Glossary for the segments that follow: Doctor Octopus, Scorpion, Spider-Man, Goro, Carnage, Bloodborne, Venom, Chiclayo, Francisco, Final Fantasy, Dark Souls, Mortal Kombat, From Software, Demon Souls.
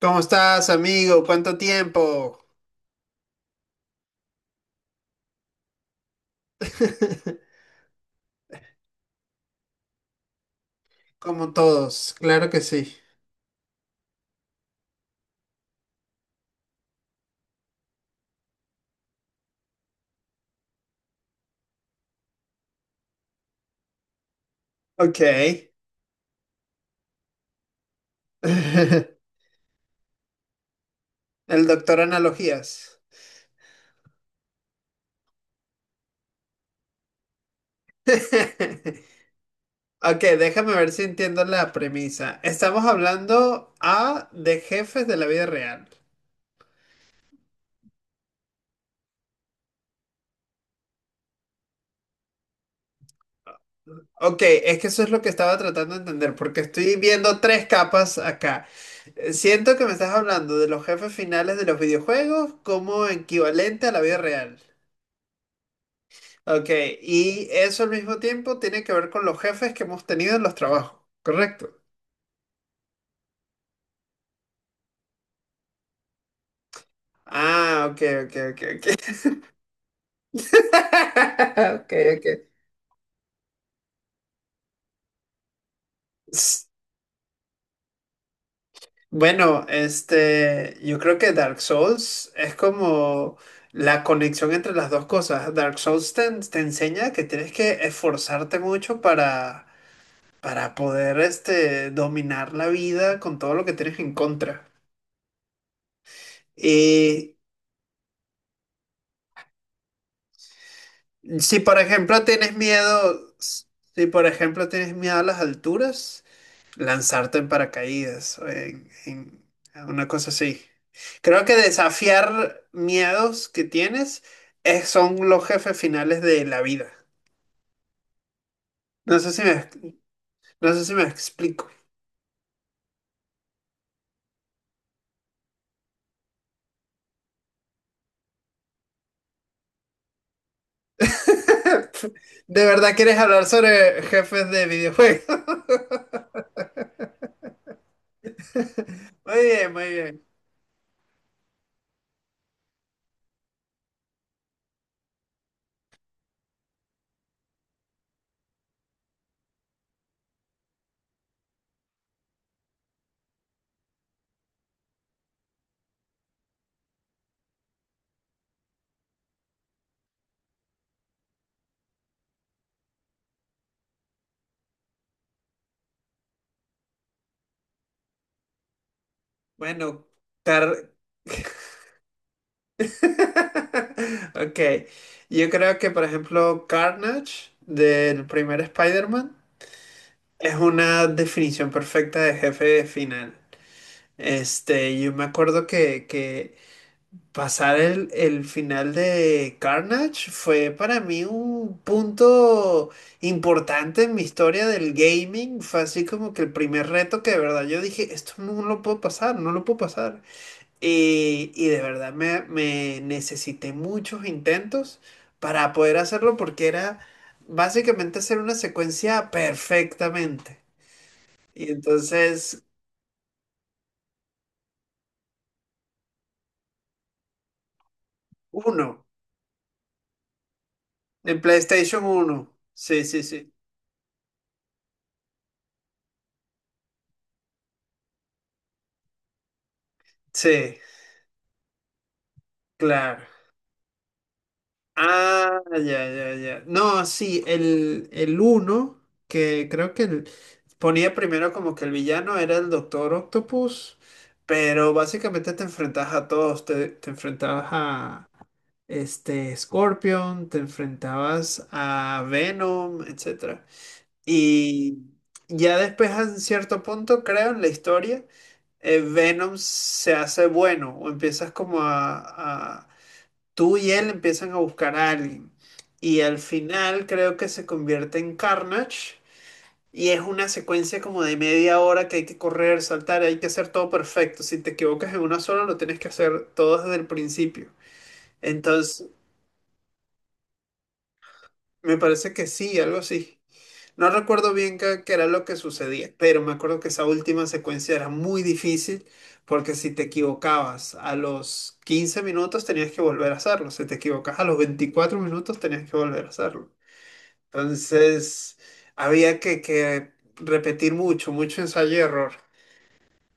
¿Cómo estás, amigo? ¿Cuánto tiempo? Como todos, claro que sí. Ok. El doctor Analogías. Ok, déjame ver si entiendo la premisa. Estamos hablando A de jefes de la vida real. Ok, es que eso es lo que estaba tratando de entender, porque estoy viendo tres capas acá. Siento que me estás hablando de los jefes finales de los videojuegos como equivalente a la vida real. Ok, y eso al mismo tiempo tiene que ver con los jefes que hemos tenido en los trabajos, ¿correcto? Ah, ok, ok, ok, ok. Ok, ok. S- Bueno, yo creo que Dark Souls es como la conexión entre las dos cosas. Dark Souls te enseña que tienes que esforzarte mucho para poder, dominar la vida con todo lo que tienes en contra. Y si por ejemplo tienes miedo, si por ejemplo tienes miedo a las alturas, lanzarte en paracaídas o en una cosa así. Creo que desafiar miedos que tienes son los jefes finales de la vida. No sé si me, no sé si me explico. ¿De verdad quieres hablar sobre jefes de videojuegos? Muy bien, muy bien. Bueno, Car- Ok, yo creo que por ejemplo Carnage del primer Spider-Man es una definición perfecta de jefe final. Yo me acuerdo que pasar el final de Carnage fue para mí un punto importante en mi historia del gaming. Fue así como que el primer reto que de verdad yo dije, esto no lo puedo pasar, no lo puedo pasar. Y de verdad me necesité muchos intentos para poder hacerlo porque era básicamente hacer una secuencia perfectamente. Y entonces, uno, en PlayStation 1. Sí, sí, sí. Sí, claro. Ah, ya, ya, ya. No, sí, el uno, que creo que ponía primero como que el villano era el Doctor Octopus, pero básicamente te enfrentabas a todos, te enfrentabas a, este Scorpion, te enfrentabas a Venom, etcétera. Y ya después a un cierto punto, creo, en la historia, Venom se hace bueno o empiezas como tú y él empiezan a buscar a alguien. Y al final creo que se convierte en Carnage. Y es una secuencia como de media hora que hay que correr, saltar, hay que hacer todo perfecto. Si te equivocas en una sola, lo tienes que hacer todo desde el principio. Entonces, me parece que sí, algo así. No recuerdo bien qué era lo que sucedía, pero me acuerdo que esa última secuencia era muy difícil porque si te equivocabas a los 15 minutos tenías que volver a hacerlo, si te equivocabas a los 24 minutos tenías que volver a hacerlo. Entonces había que repetir mucho, mucho ensayo y error.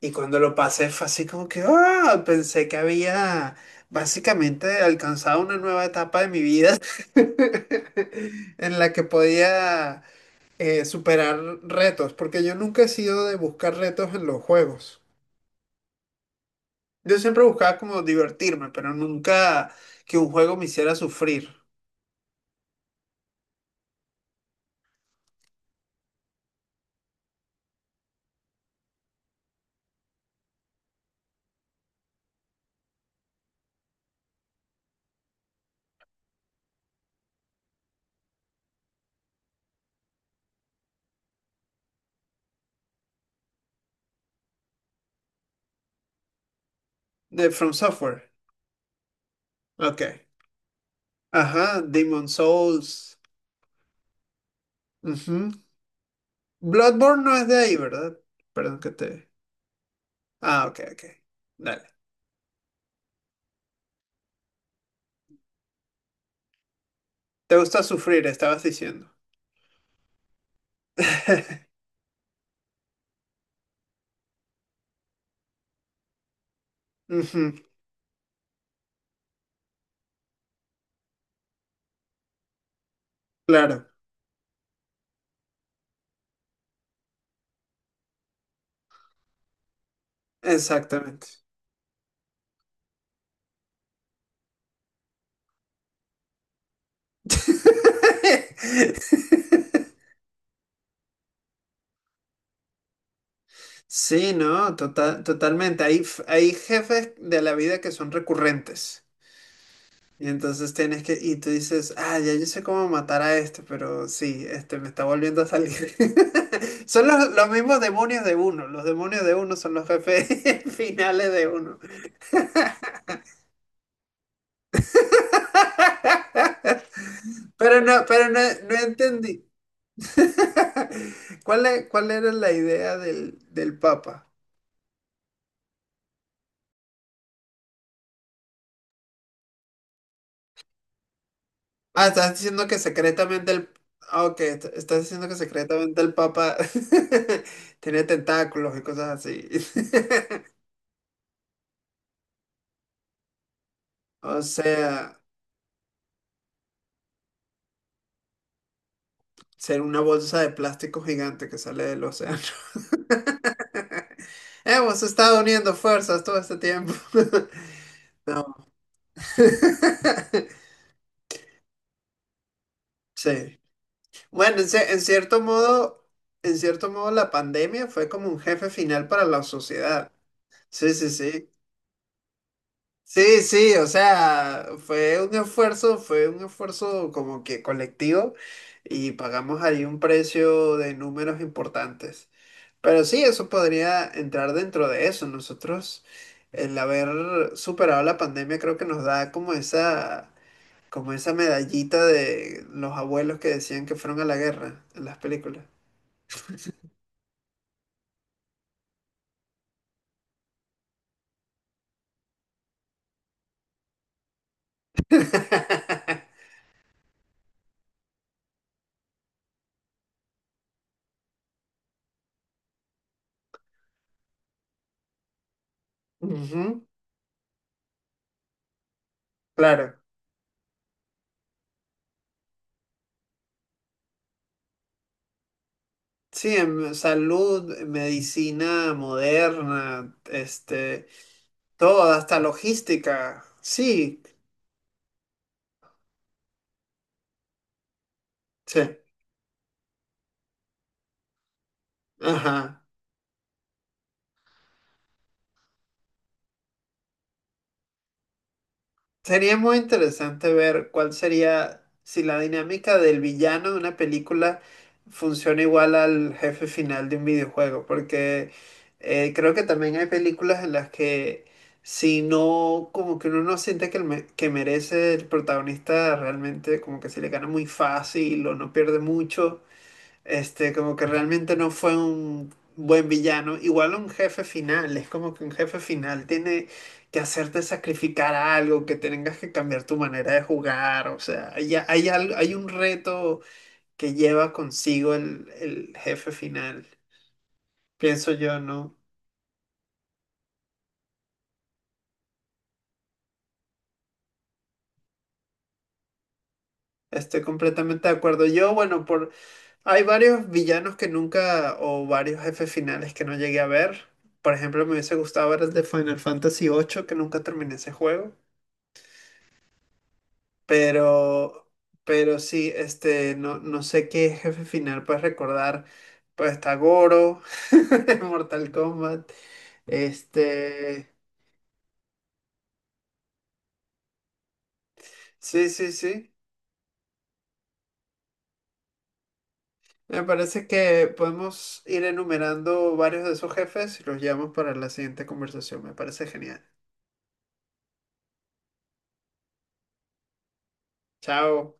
Y cuando lo pasé fue así como que, ah, pensé que había básicamente alcanzado una nueva etapa de mi vida en la que podía superar retos, porque yo nunca he sido de buscar retos en los juegos. Yo siempre buscaba como divertirme, pero nunca que un juego me hiciera sufrir. De From Software. Ok. Ajá, Demon Souls. Ujú. Bloodborne no es de ahí, ¿verdad? Perdón que te... Ah, ok, ok. Dale. Te gusta sufrir, estabas diciendo. Ujú, claro, exactamente. Sí, no, total, totalmente. Hay jefes de la vida que son recurrentes. Y entonces y tú dices, ah, ya yo sé cómo matar a este, pero sí, este me está volviendo a salir. Son los mismos demonios de uno. Los demonios de uno son los jefes finales de uno. Pero no, no entendí. ¿Cuál era la idea del Papa? Ah, estás diciendo que secretamente el... Ah, ok, estás diciendo que secretamente el Papa tenía tentáculos y cosas así. O sea, ser una bolsa de plástico gigante que sale del océano. Hemos estado uniendo fuerzas todo este tiempo. No. Sí. Bueno, en cierto modo la pandemia fue como un jefe final para la sociedad. Sí, sí, sí. Sí, sí, o sea, fue un esfuerzo como que colectivo y pagamos ahí un precio de números importantes. Pero sí, eso podría entrar dentro de eso. Nosotros, el haber superado la pandemia, creo que nos da como esa, medallita de los abuelos que decían que fueron a la guerra en las películas. Ujú, claro. Sí, salud, medicina moderna, todo, hasta logística. Sí, sí. Ajá. Sería muy interesante ver cuál sería, si la dinámica del villano de una película funciona igual al jefe final de un videojuego, porque creo que también hay películas en las que si no, como que uno no siente que, que merece el protagonista realmente, como que se le gana muy fácil o no pierde mucho. Como que realmente no fue un buen villano. Igual un jefe final, es como que un jefe final tiene que hacerte sacrificar algo, que tengas que cambiar tu manera de jugar. O sea, hay algo, hay un reto que lleva consigo el jefe final. Pienso yo, ¿no? Estoy completamente de acuerdo. Yo, bueno, por hay varios villanos que nunca, o varios jefes finales que no llegué a ver. Por ejemplo, me hubiese gustado ver el de Final Fantasy 8 que nunca terminé ese juego. Pero, pero sí, no, no sé qué jefe final puedes recordar. Pues está Goro, en Mortal Kombat. Este, sí, sí, sí. Me parece que podemos ir enumerando varios de esos jefes y los llevamos para la siguiente conversación. Me parece genial. Chao.